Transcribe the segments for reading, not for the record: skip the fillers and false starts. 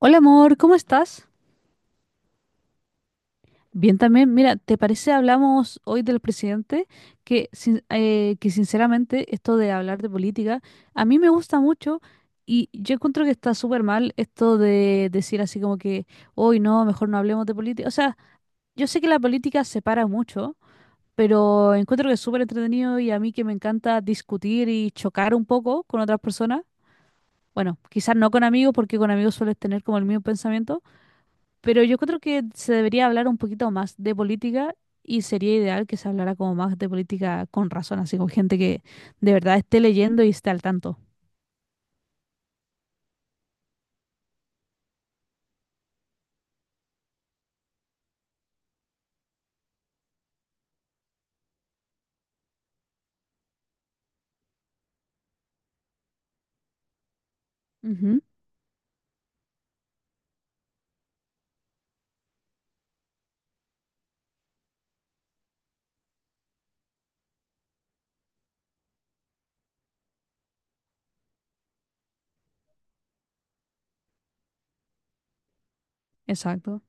Hola amor, ¿cómo estás? Bien también. Mira, ¿te parece hablamos hoy del presidente? Que, sin- que sinceramente esto de hablar de política a mí me gusta mucho y yo encuentro que está súper mal esto de decir así como que hoy no, mejor no hablemos de política. O sea, yo sé que la política separa mucho, pero encuentro que es súper entretenido y a mí que me encanta discutir y chocar un poco con otras personas. Bueno, quizás no con amigos porque con amigos sueles tener como el mismo pensamiento. Pero yo creo que se debería hablar un poquito más de política y sería ideal que se hablara como más de política con razón, así con gente que de verdad esté leyendo y esté al tanto. Ujú, exacto.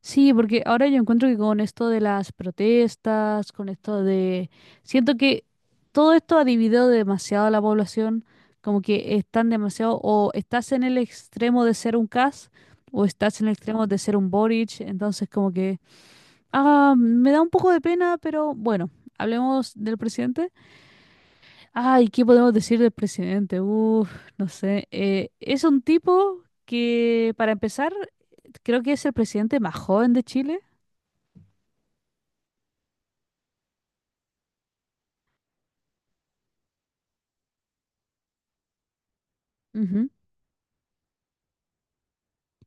Sí, porque ahora yo encuentro que con esto de las protestas, con esto de... Siento que todo esto ha dividido demasiado a la población, como que están demasiado, o estás en el extremo de ser un CAS, o estás en el extremo de ser un Boric, entonces como que... Ah, me da un poco de pena, pero bueno, hablemos del presidente. Ay, ¿qué podemos decir del presidente? Uf, no sé. Es un tipo que, para empezar, creo que es el presidente más joven de Chile. Ujú,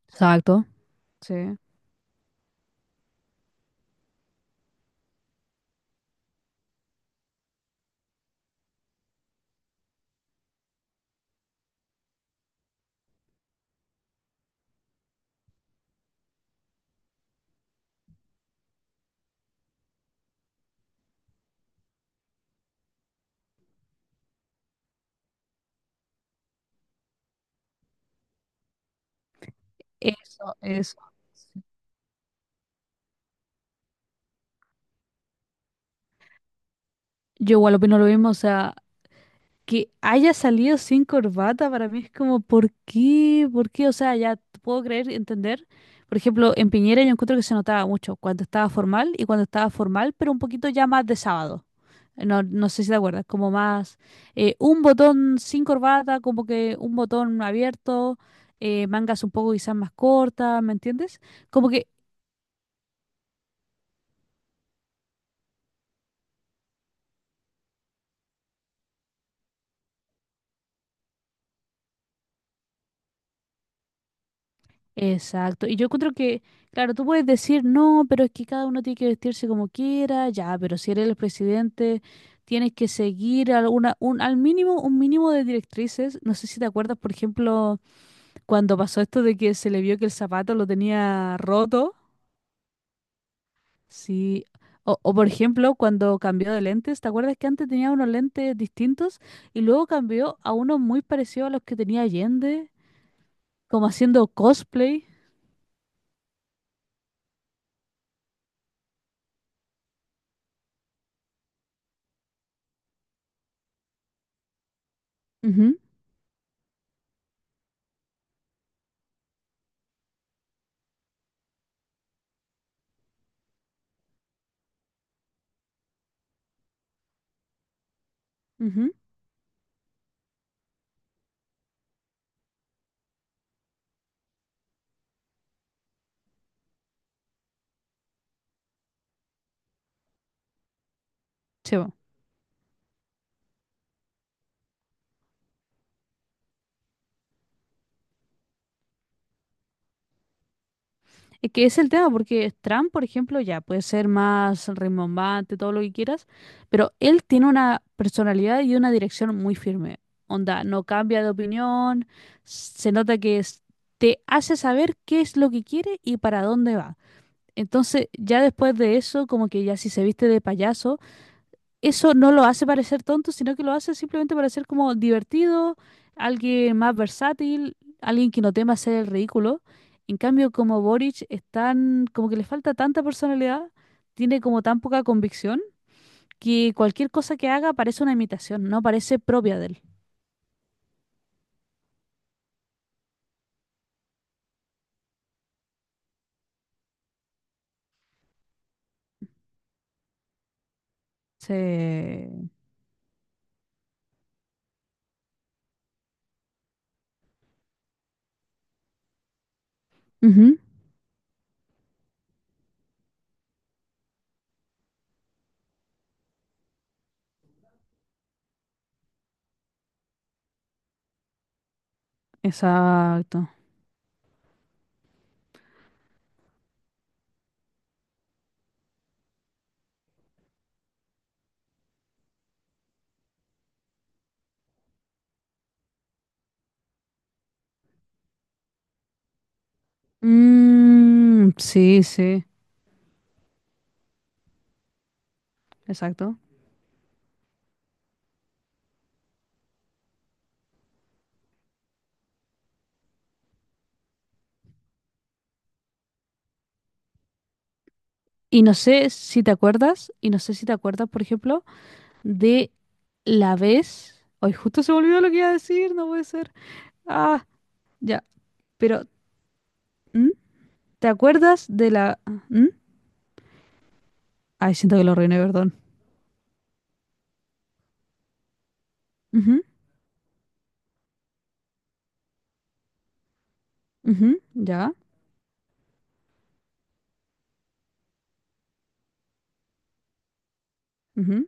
exacto. Sí. Eso, eso. Yo igual opino lo mismo, o sea, que haya salido sin corbata para mí es como, ¿por qué? ¿Por qué? O sea, puedo creer, entender. Por ejemplo, en Piñera yo encuentro que se notaba mucho cuando estaba formal y cuando estaba formal, pero un poquito ya más de sábado. No, no sé si te acuerdas, como más un botón sin corbata, como que un botón abierto, mangas un poco quizás más cortas, ¿me entiendes? Como que exacto. Y yo encuentro que, claro, tú puedes decir, no, pero es que cada uno tiene que vestirse como quiera, ya, pero si eres el presidente, tienes que seguir alguna, un, al mínimo, un mínimo de directrices. No sé si te acuerdas, por ejemplo, cuando pasó esto de que se le vio que el zapato lo tenía roto, sí. O, por ejemplo, cuando cambió de lentes, ¿te acuerdas que antes tenía unos lentes distintos y luego cambió a unos muy parecidos a los que tenía Allende, como haciendo cosplay? Ujú, ujú. Sí, es que es el tema, porque Trump, por ejemplo, ya puede ser más rimbombante, todo lo que quieras, pero él tiene una personalidad y una dirección muy firme. Onda, no cambia de opinión, se nota que te hace saber qué es lo que quiere y para dónde va. Entonces, ya después de eso, como que ya si se viste de payaso, eso no lo hace parecer tonto, sino que lo hace simplemente parecer como divertido, alguien más versátil, alguien que no tema hacer el ridículo. En cambio, como Boric es tan, como que le falta tanta personalidad, tiene como tan poca convicción, que cualquier cosa que haga parece una imitación, no parece propia de él. Sí. Ujú, exacto. Mm, sí, sí, exacto. Y no sé si te acuerdas, por ejemplo, de la vez. Hoy justo se me olvidó lo que iba a decir, no puede ser. Ah, ya. Pero, ¿mm? ¿Te acuerdas de la? ¿Mm? Ay, siento que lo reiné, perdón. Ujú, ujú, ya. Ujú.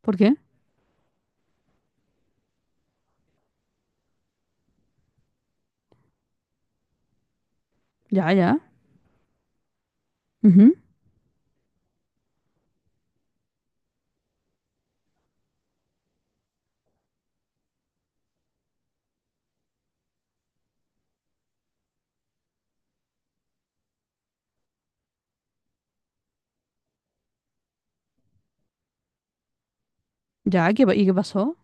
¿Por qué? Ya, ya. Ujú, ya, ¿y qué pasó?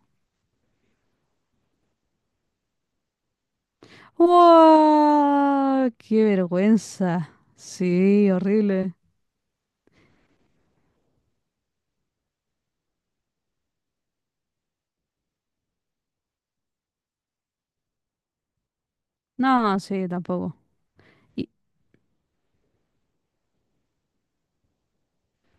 ¡Wow! ¡Qué vergüenza! Sí, horrible. No, sí, tampoco. Y,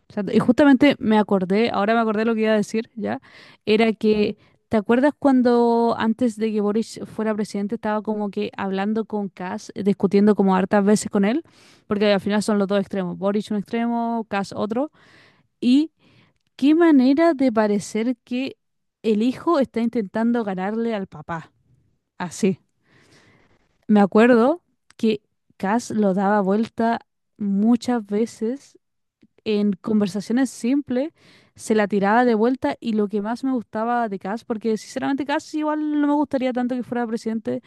exacto. Y justamente me acordé, ahora me acordé lo que iba a decir, ¿ya? Era que, ¿te acuerdas cuando antes de que Boris fuera presidente estaba como que hablando con Kass, discutiendo como hartas veces con él? Porque al final son los dos extremos, Boris un extremo, Kass otro. Y qué manera de parecer que el hijo está intentando ganarle al papá. Así. Me acuerdo que Kass lo daba vuelta muchas veces, en conversaciones simples se la tiraba de vuelta, y lo que más me gustaba de Cass, porque sinceramente Cass igual no me gustaría tanto que fuera presidente,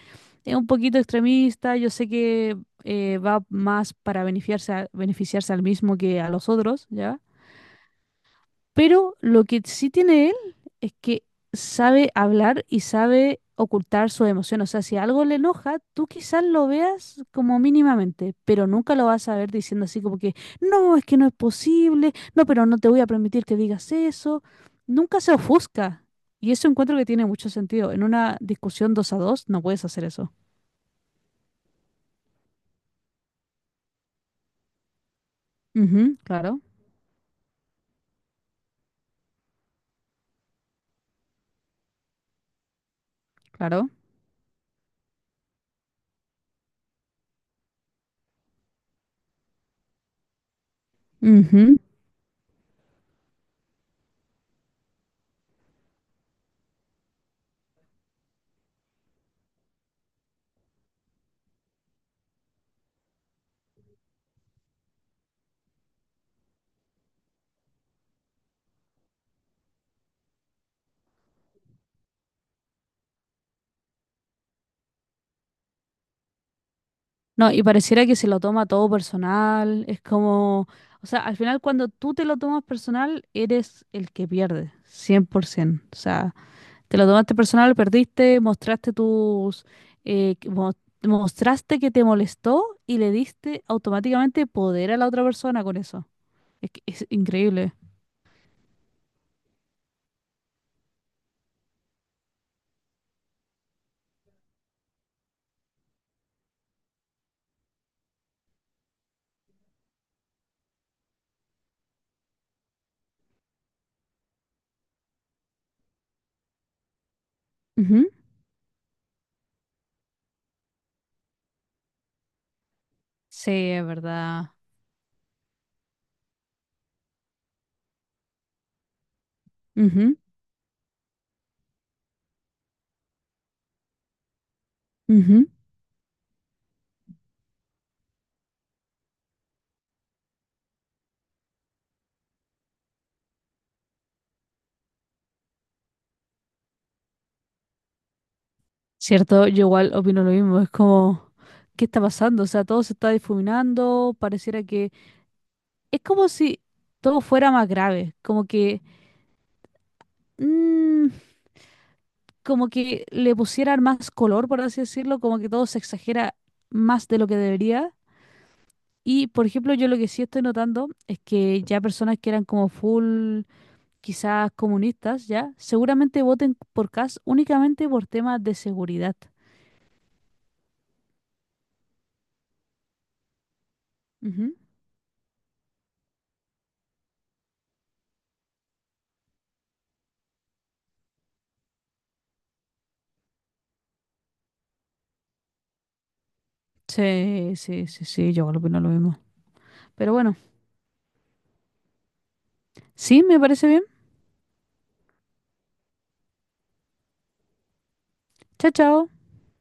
es un poquito extremista, yo sé que va más para beneficiarse, beneficiarse al mismo que a los otros, ¿ya? Pero lo que sí tiene él es que sabe hablar y sabe ocultar su emoción. O sea, si algo le enoja, tú quizás lo veas como mínimamente, pero nunca lo vas a ver diciendo así como que no es posible, no, pero no te voy a permitir que digas eso. Nunca se ofusca. Y eso encuentro que tiene mucho sentido. En una discusión dos a dos no puedes hacer eso. Ujú, claro, claro. No, y pareciera que se lo toma todo personal, es como, o sea, al final cuando tú te lo tomas personal, eres el que pierde, 100%. O sea, te lo tomaste personal, perdiste, mostraste tus, eh, que mo- mostraste que te molestó y le diste automáticamente poder a la otra persona con eso. Es que es increíble. Ujú. Sí, es verdad. Ujú, ujú. Cierto, yo igual opino lo mismo. Es como, ¿qué está pasando? O sea, todo se está difuminando. Pareciera que es como si todo fuera más grave. Como que, mm, como que le pusieran más color, por así decirlo, como que todo se exagera más de lo que debería. Y, por ejemplo, yo lo que sí estoy notando es que ya personas que eran como full, quizás comunistas, ya, seguramente voten por Kast únicamente por temas de seguridad. Ujú. Sí, sí, sí, sí, yo opino lo mismo. Pero bueno, sí, me parece bien. Chao, chao.